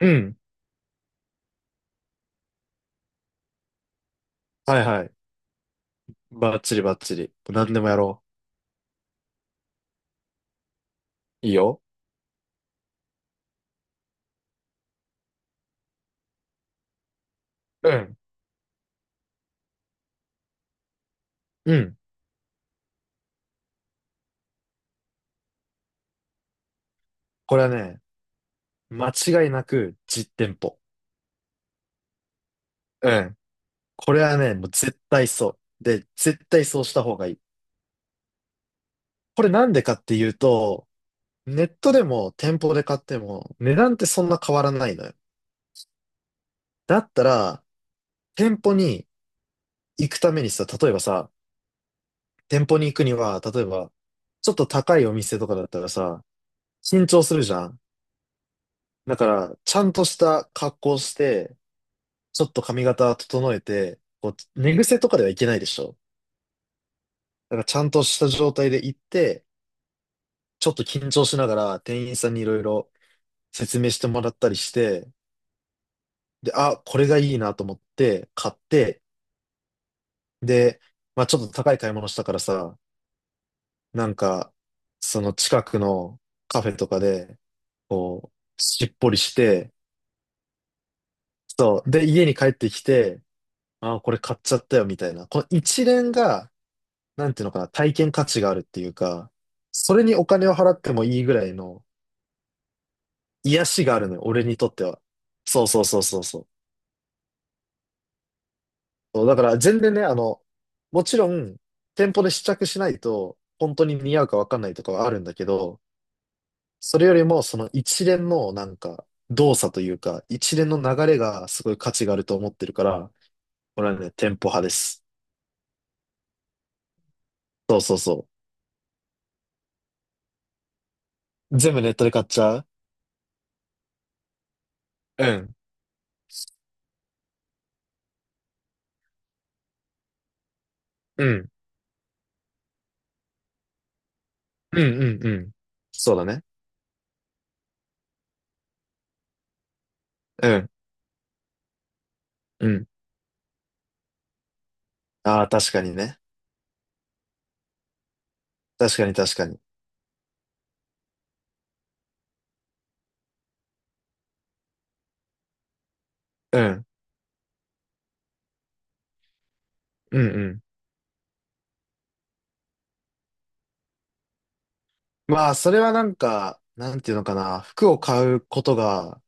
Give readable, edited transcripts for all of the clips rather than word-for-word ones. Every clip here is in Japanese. うん。はいはい。バッチリバッチリ。何でもやろう。いいよ。うん。うん。これはね、間違いなく実店舗。うん。これはね、もう絶対そう。で、絶対そうした方がいい。これなんでかっていうと、ネットでも店舗で買っても値段ってそんな変わらないのよ。だったら、店舗に行くためにさ、例えばさ、店舗に行くには、例えば、ちょっと高いお店とかだったらさ、緊張するじゃん。だから、ちゃんとした格好して、ちょっと髪型整えて、こう、寝癖とかではいけないでしょ。だからちゃんとした状態で行って、ちょっと緊張しながら店員さんにいろいろ説明してもらったりして、で、あ、これがいいなと思って買って、で、まあちょっと高い買い物したからさ、なんか、その近くのカフェとかで、こう、しっぽりして、そう。で、家に帰ってきて、あ、これ買っちゃったよみたいな。この一連が、なんていうのかな、体験価値があるっていうか、それにお金を払ってもいいぐらいの癒しがあるのよ、俺にとっては。そうそうそうそうそう。そうだから全然ね、あの、もちろん、店舗で試着しないと、本当に似合うかわかんないとかはあるんだけど、それよりも、その一連のなんか、動作というか、一連の流れがすごい価値があると思ってるから、俺はね、店舗派です。そうそうそう。全部ネットで買っちゃう。うん。うん。うんうんうん。そうだね。うん。うん。ああ、確かにね。確かに確かに。うん。うんうん。まあ、それはなんか、なんていうのかな。服を買うことが、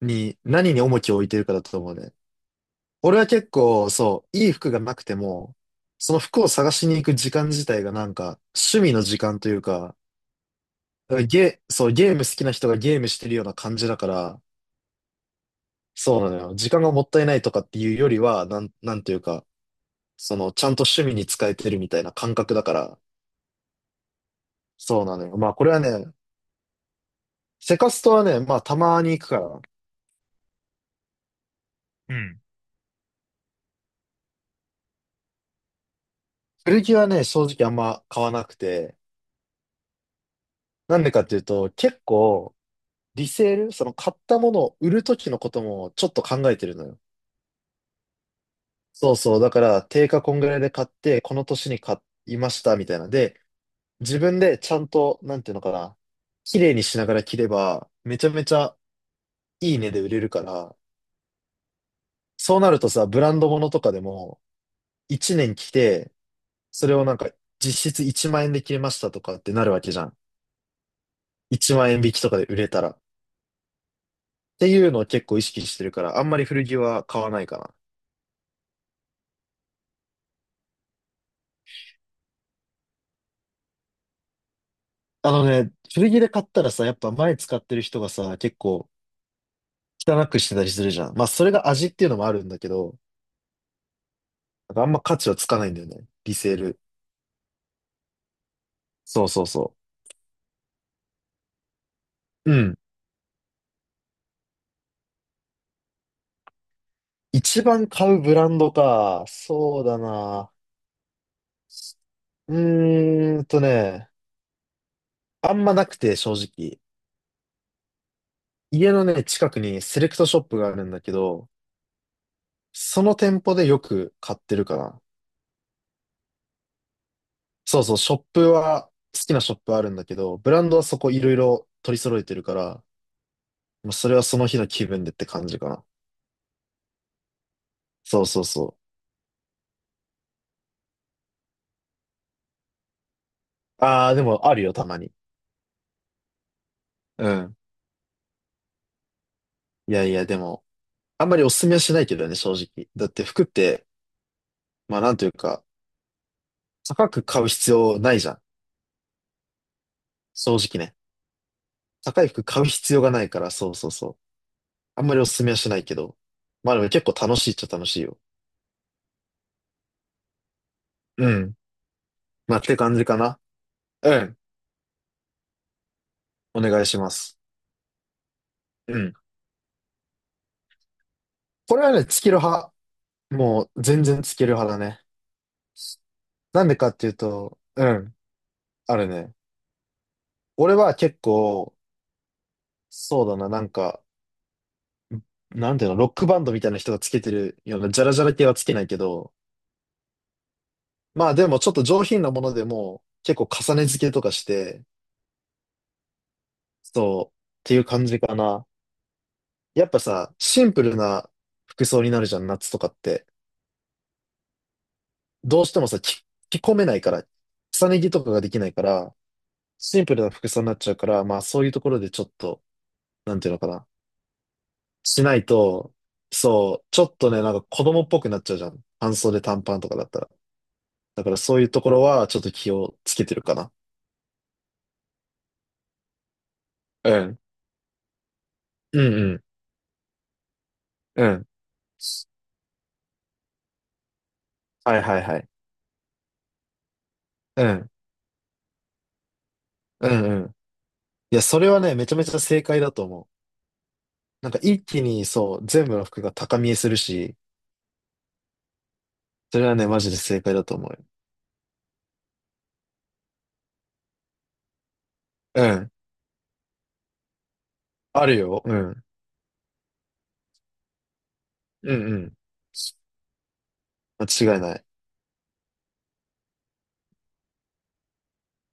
に、何に重きを置いてるかだと思うね。俺は結構、そう、いい服がなくても、その服を探しに行く時間自体がなんか、趣味の時間というか、だからそう、ゲーム好きな人がゲームしてるような感じだから、そうなのよ。時間がもったいないとかっていうよりは、なんていうか、その、ちゃんと趣味に使えてるみたいな感覚だから、そうなのよ。まあ、これはね、セカストはね、まあたまに行くから。うん。古着はね、正直あんま買わなくて。なんでかっていうと、結構、リセール、その買ったものを売るときのこともちょっと考えてるのよ。そうそう。だから、定価こんぐらいで買って、この年に買いました、みたいな。で、自分でちゃんと、なんていうのかな。綺麗にしながら着れば、めちゃめちゃいい値で売れるから、そうなるとさ、ブランド物とかでも、1年着て、それをなんか、実質1万円で着れましたとかってなるわけじゃん。1万円引きとかで売れたら。っていうのを結構意識してるから、あんまり古着は買わないかな。あのね、古着で買ったらさ、やっぱ前使ってる人がさ、結構汚くしてたりするじゃん。まあそれが味っていうのもあるんだけど、なんかあんま価値はつかないんだよね。リセール。そうそうそう。うん。一番買うブランドか。そうだな。うーんとね、あんまなくて正直。家のね、近くにセレクトショップがあるんだけど、その店舗でよく買ってるかな。そうそう、ショップは、好きなショップあるんだけど、ブランドはそこいろいろ取り揃えてるから、まあそれはその日の気分でって感じかな。そうそうそう。ああ、でもあるよ、たまに。うん。いやいや、でも、あんまりおすすめはしないけどね、正直。だって服って、まあなんというか、高く買う必要ないじゃん。正直ね。高い服買う必要がないから、そうそうそう。あんまりおすすめはしないけど。まあでも結構楽しいっちゃ楽しいよ。うん。まあって感じかな。うん。お願いします。うん。これはね、月ロ派。もう全然つける派だね。なんでかっていうと、うん、あるね。俺は結構、そうだな、なんか、なんていうの、ロックバンドみたいな人がつけてるような、ジャラジャラ系はつけないけど、まあでもちょっと上品なものでも、結構重ね付けとかして、そう、っていう感じかな。やっぱさ、シンプルな服装になるじゃん、夏とかって。どうしてもさ、着込めないから、重ね着とかができないから、シンプルな服装になっちゃうから、まあそういうところでちょっと、なんていうのかな。しないと、そう、ちょっとね、なんか子供っぽくなっちゃうじゃん。半袖短パンとかだったら。だからそういうところはちょっと気をつけてるかな。うん。うんうん。うん。はいはいはい。うん。うんうん。いや、それはね、めちゃめちゃ正解だと思う。なんか一気にそう、全部の服が高見えするし、それはね、マジで正解だと思うよ。うん。あるよ。うん。うんうん。間違いない。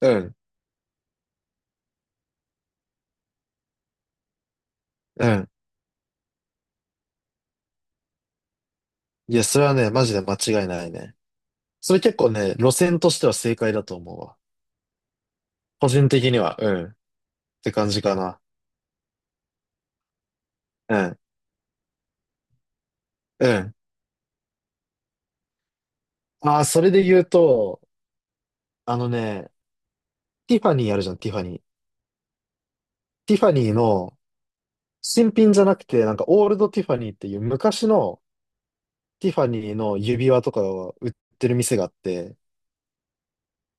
うん。うん。いや、それはね、マジで間違いないね。それ結構ね、路線としては正解だと思うわ。個人的には、うん。って感じかな。うん。うん。ああ、それで言うと、あのね、ティファニーあるじゃん、ティファニー。ティファニーの、新品じゃなくて、なんかオールドティファニーっていう昔のティファニーの指輪とかを売ってる店があって、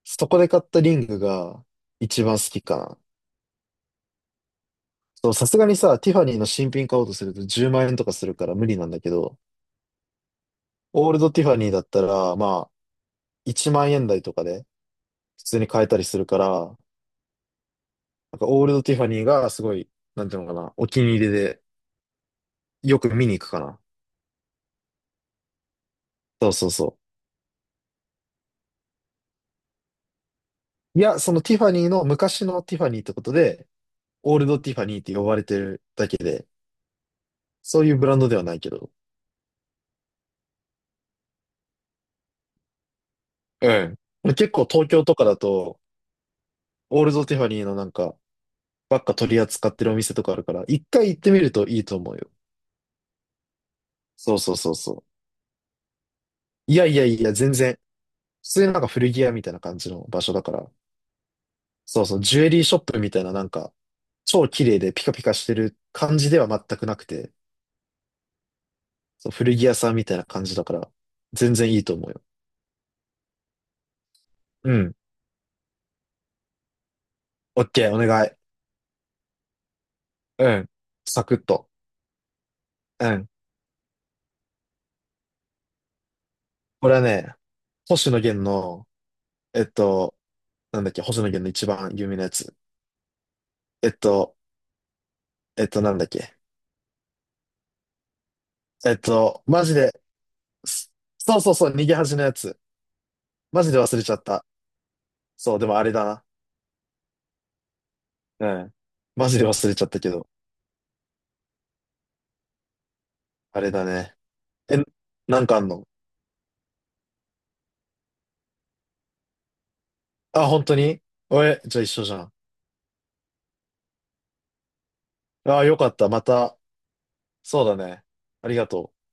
そこで買ったリングが一番好きかな。そう、さすがにさ、ティファニーの新品買おうとすると10万円とかするから無理なんだけど、オールドティファニーだったら、まあ、1万円台とかで普通に買えたりするから、なんかオールドティファニーがすごい、なんていうのかな、お気に入りでよく見に行くかな。そうそうそう。いや、そのティファニーの昔のティファニーってことで、オールドティファニーって呼ばれてるだけで、そういうブランドではないけど。うん。結構東京とかだと、オールドティファニーのなんか、ばっか取り扱ってるお店とかあるから、一回行ってみるといいと思うよ。そうそうそうそう。いやいやいや、全然。普通になんか古着屋みたいな感じの場所だから、そうそう、ジュエリーショップみたいななんか、超綺麗でピカピカしてる感じでは全くなくて、そう、古着屋さんみたいな感じだから、全然いいと思うよ。うん。オッケー、お願い。うん。サクッと。うん。これはね、星野源の、えっと、なんだっけ、星野源の一番有名なやつ。えっと、なんだっけ。マジで、すそうそうそう、逃げ恥のやつ。マジで忘れちゃった。そう、でもあれだな。うん。マジで忘れちゃったけど、あれだね。え、なんかあんの？あ、本当に？え、じゃあ一緒じゃん。ああ、よかった。また。そうだね。ありがとう。